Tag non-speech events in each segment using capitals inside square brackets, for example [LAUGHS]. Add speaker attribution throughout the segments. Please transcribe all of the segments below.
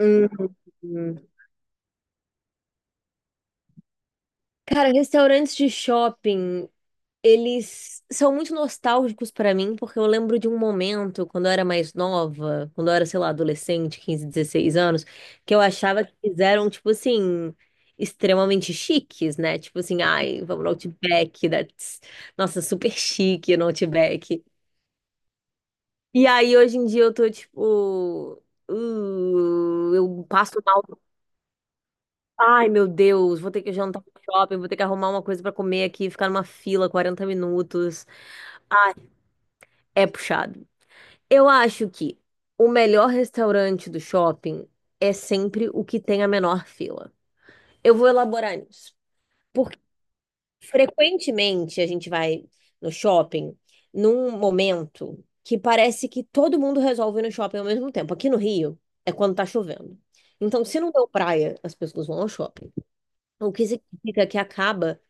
Speaker 1: Uhum. Cara, restaurantes de shopping, eles são muito nostálgicos pra mim, porque eu lembro de um momento, quando eu era mais nova, quando eu era, sei lá, adolescente, 15 16 anos, que eu achava que fizeram, tipo assim, extremamente chiques, né? Tipo assim, ai, vamos no Outback, that's... nossa, super chique no Outback. E aí, hoje em dia, eu tô, tipo, eu passo. Ai, meu Deus, vou ter que jantar no shopping, vou ter que arrumar uma coisa pra comer aqui, ficar numa fila 40 minutos. É puxado. Eu acho que o melhor restaurante do shopping é sempre o que tem a menor fila. Eu vou elaborar nisso. Porque frequentemente a gente vai no shopping num momento que parece que todo mundo resolve ir no shopping ao mesmo tempo. Aqui no Rio é quando tá chovendo. Então, se não deu praia, as pessoas vão ao shopping. O que significa que acaba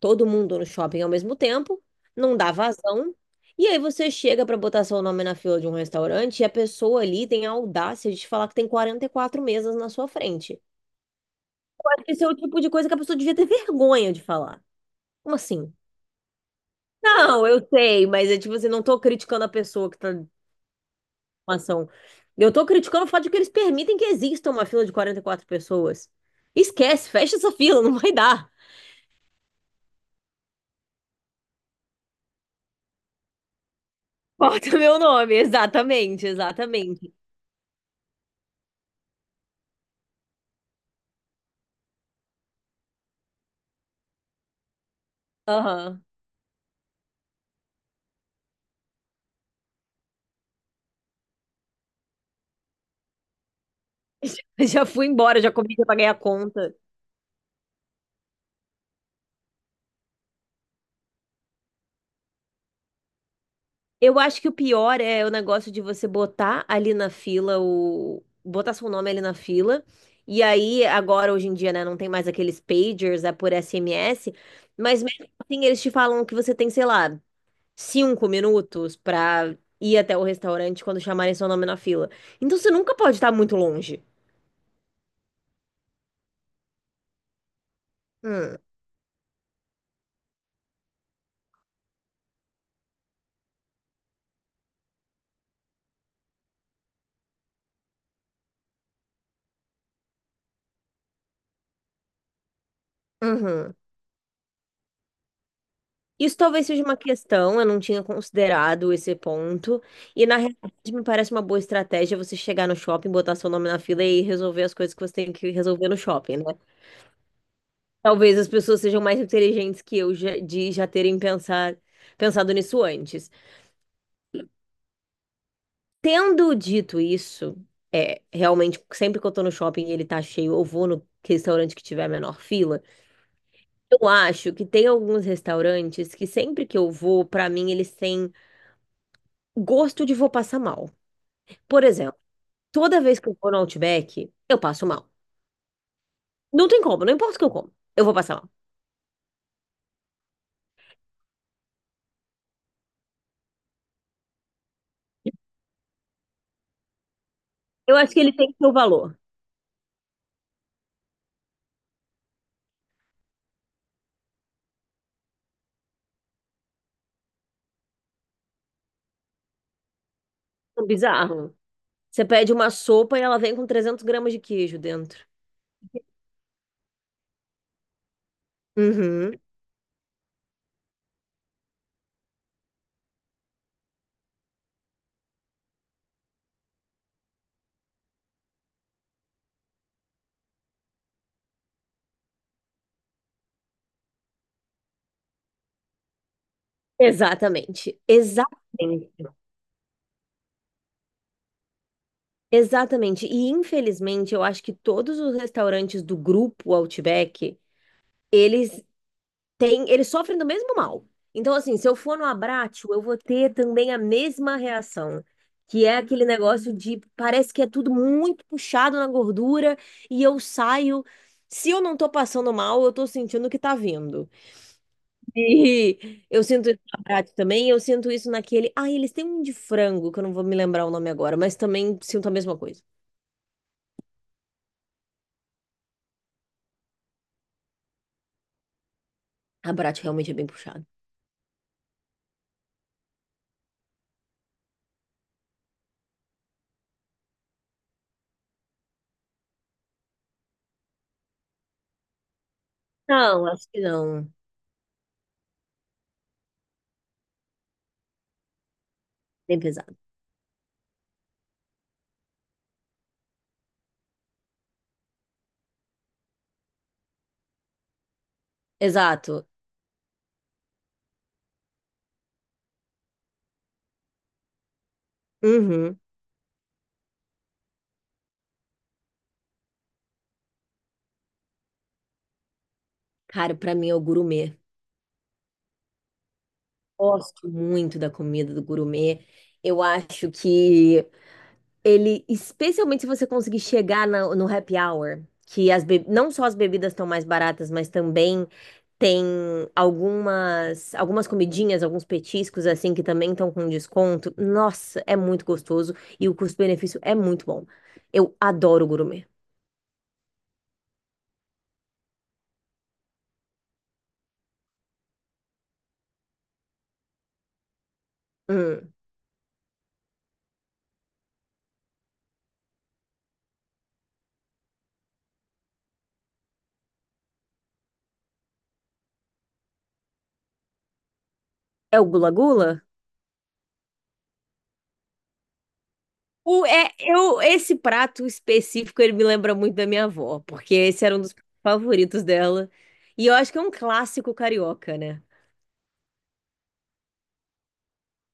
Speaker 1: todo mundo no shopping ao mesmo tempo, não dá vazão. E aí você chega para botar seu nome na fila de um restaurante e a pessoa ali tem a audácia de te falar que tem 44 mesas na sua frente. Acho que esse é o tipo de coisa que a pessoa devia ter [LAUGHS] vergonha de falar. Como assim? Não, eu sei, mas é tipo assim, não tô criticando a pessoa que tá na ação. Eu tô criticando o fato de que eles permitem que exista uma fila de 44 pessoas. Esquece, fecha essa fila, não vai dar. [LAUGHS] Bota meu nome, exatamente, exatamente. Aham. [LAUGHS] Já fui embora, já comi, já paguei a conta. Eu acho que o pior é o negócio de você botar ali na fila o. Botar seu nome ali na fila. E aí, agora, hoje em dia, né, não tem mais aqueles pagers, é por SMS. Mas mesmo assim, eles te falam que você tem, sei lá, 5 minutos pra ir até o restaurante quando chamarem seu nome na fila. Então você nunca pode estar muito longe. Hum, uhum. Isso talvez seja uma questão, eu não tinha considerado esse ponto. E na realidade me parece uma boa estratégia você chegar no shopping, botar seu nome na fila e resolver as coisas que você tem que resolver no shopping, né? Talvez as pessoas sejam mais inteligentes que eu de já terem pensado nisso antes. Tendo dito isso, é, realmente, sempre que eu tô no shopping e ele tá cheio, eu vou no restaurante que tiver a menor fila. Eu acho que tem alguns restaurantes que sempre que eu vou, pra mim, eles têm gosto de vou passar mal. Por exemplo, toda vez que eu vou no Outback, eu passo mal. Não tem como, não importa o que eu como, eu vou passar mal. Eu acho que ele tem seu valor. É bizarro. Você pede uma sopa e ela vem com 300 gramas de queijo dentro. Uhum. Exatamente, exatamente, exatamente. E infelizmente, eu acho que todos os restaurantes do grupo Outback, eles tem, eles sofrem do mesmo mal. Então, assim, se eu for no Abrátio, eu vou ter também a mesma reação, que é aquele negócio de parece que é tudo muito puxado na gordura e eu saio. Se eu não tô passando mal, eu tô sentindo que tá vindo. E eu sinto isso no Abrátio também, eu sinto isso naquele. Ah, eles têm um de frango, que eu não vou me lembrar o nome agora, mas também sinto a mesma coisa. Abrátio realmente é bem puxado. Não, acho que não. Bem pesado. Exato. Uhum. Cara, pra mim é o gourmet. Gosto muito da comida do gourmet. Eu acho que ele, especialmente se você conseguir chegar no happy hour, que não só as bebidas estão mais baratas, mas também tem algumas comidinhas, alguns petiscos assim que também estão com desconto. Nossa, é muito gostoso e o custo-benefício é muito bom. Eu adoro gourmet. Hum. É o Gula Gula? O, é, eu, esse prato específico, ele me lembra muito da minha avó, porque esse era um dos favoritos dela. E eu acho que é um clássico carioca, né?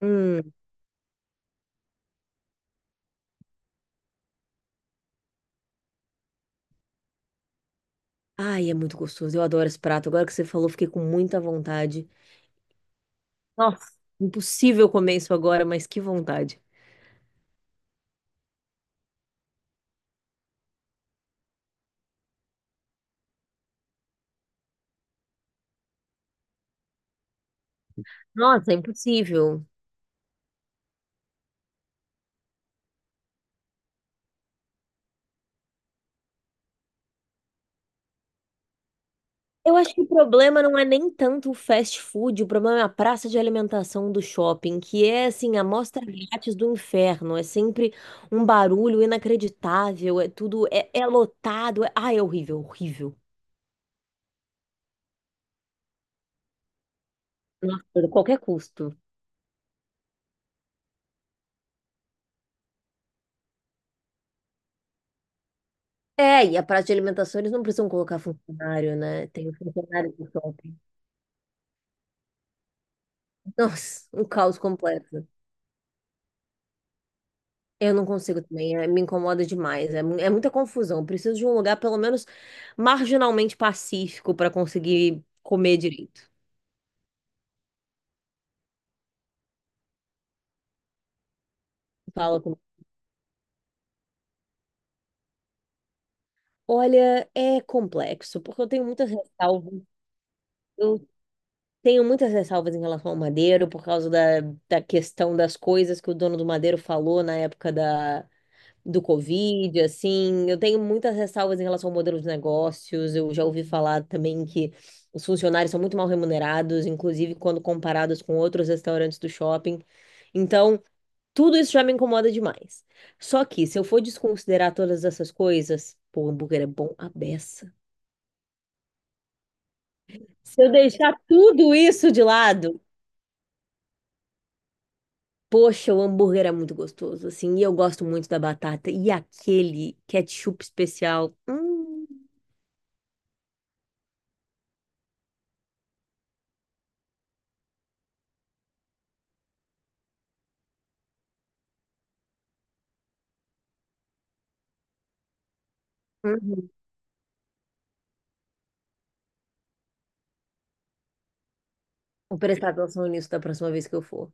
Speaker 1: Hum. Ai, é muito gostoso. Eu adoro esse prato. Agora que você falou, fiquei com muita vontade. Nossa, impossível comer isso agora, mas que vontade. Nossa, é impossível. Eu acho que o problema não é nem tanto o fast food, o problema é a praça de alimentação do shopping, que é assim, a mostra grátis do inferno. É sempre um barulho inacreditável, é tudo, é, é lotado. É... Ah, é horrível, horrível. Nossa, a qualquer custo. É, e a praça de alimentação eles não precisam colocar funcionário, né? Tem o funcionário do shopping. Nossa, um caos completo. Eu não consigo também, me incomoda demais. É, é muita confusão. Eu preciso de um lugar, pelo menos, marginalmente pacífico para conseguir comer direito. Fala comigo. Olha, é complexo, porque eu tenho muitas ressalvas. Eu tenho muitas ressalvas em relação ao Madeiro, por causa da, da questão das coisas que o dono do Madeiro falou na época da do Covid, assim, eu tenho muitas ressalvas em relação ao modelo de negócios. Eu já ouvi falar também que os funcionários são muito mal remunerados, inclusive quando comparados com outros restaurantes do shopping. Então, tudo isso já me incomoda demais. Só que, se eu for desconsiderar todas essas coisas, pô, o hambúrguer é bom à beça. Se eu deixar tudo isso de lado, poxa, o hambúrguer é muito gostoso, assim, e eu gosto muito da batata. E aquele ketchup especial. Uhum. Vou prestar atenção nisso da próxima vez que eu for.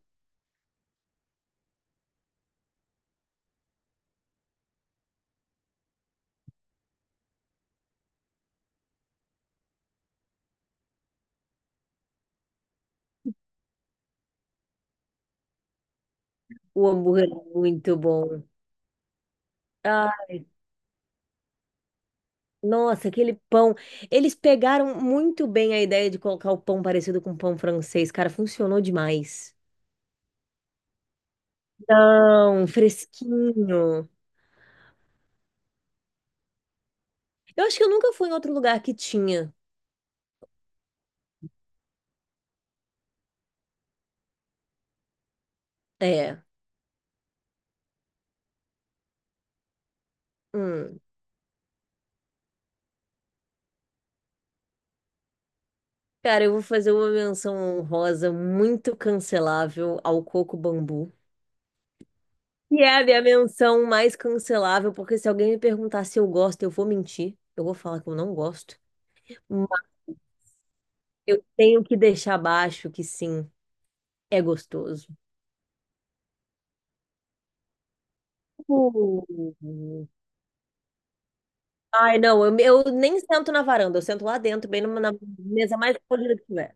Speaker 1: O hambúrguer é muito bom. Ah, nossa, aquele pão. Eles pegaram muito bem a ideia de colocar o pão parecido com pão francês. Cara, funcionou demais. Não, fresquinho. Eu acho que eu nunca fui em outro lugar que tinha. É. Hum. Cara, eu vou fazer uma menção honrosa muito cancelável ao coco bambu. E é a minha menção mais cancelável, porque se alguém me perguntar se eu gosto, eu vou mentir. Eu vou falar que eu não gosto. Eu tenho que deixar baixo que sim, é gostoso. Uh. Ai, não, eu nem sento na varanda, eu sento lá dentro, bem numa, na mesa mais polida que tiver.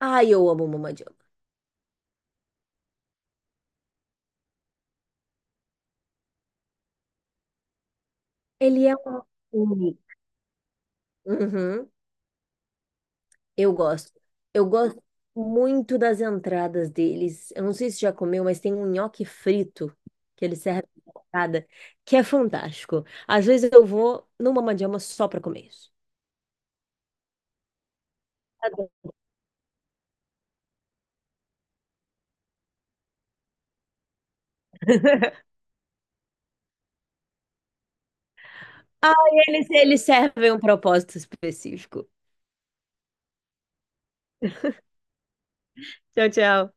Speaker 1: Ai, eu amo o Mama. Ele é um filme. Uhum, eu gosto. Eu gosto muito das entradas deles. Eu não sei se já comeu, mas tem um nhoque frito que ele serve na entrada, que é fantástico. Às vezes eu vou no Mama só pra comer isso. Adoro. [LAUGHS] Ai, eles servem um propósito específico. Tchau, tchau.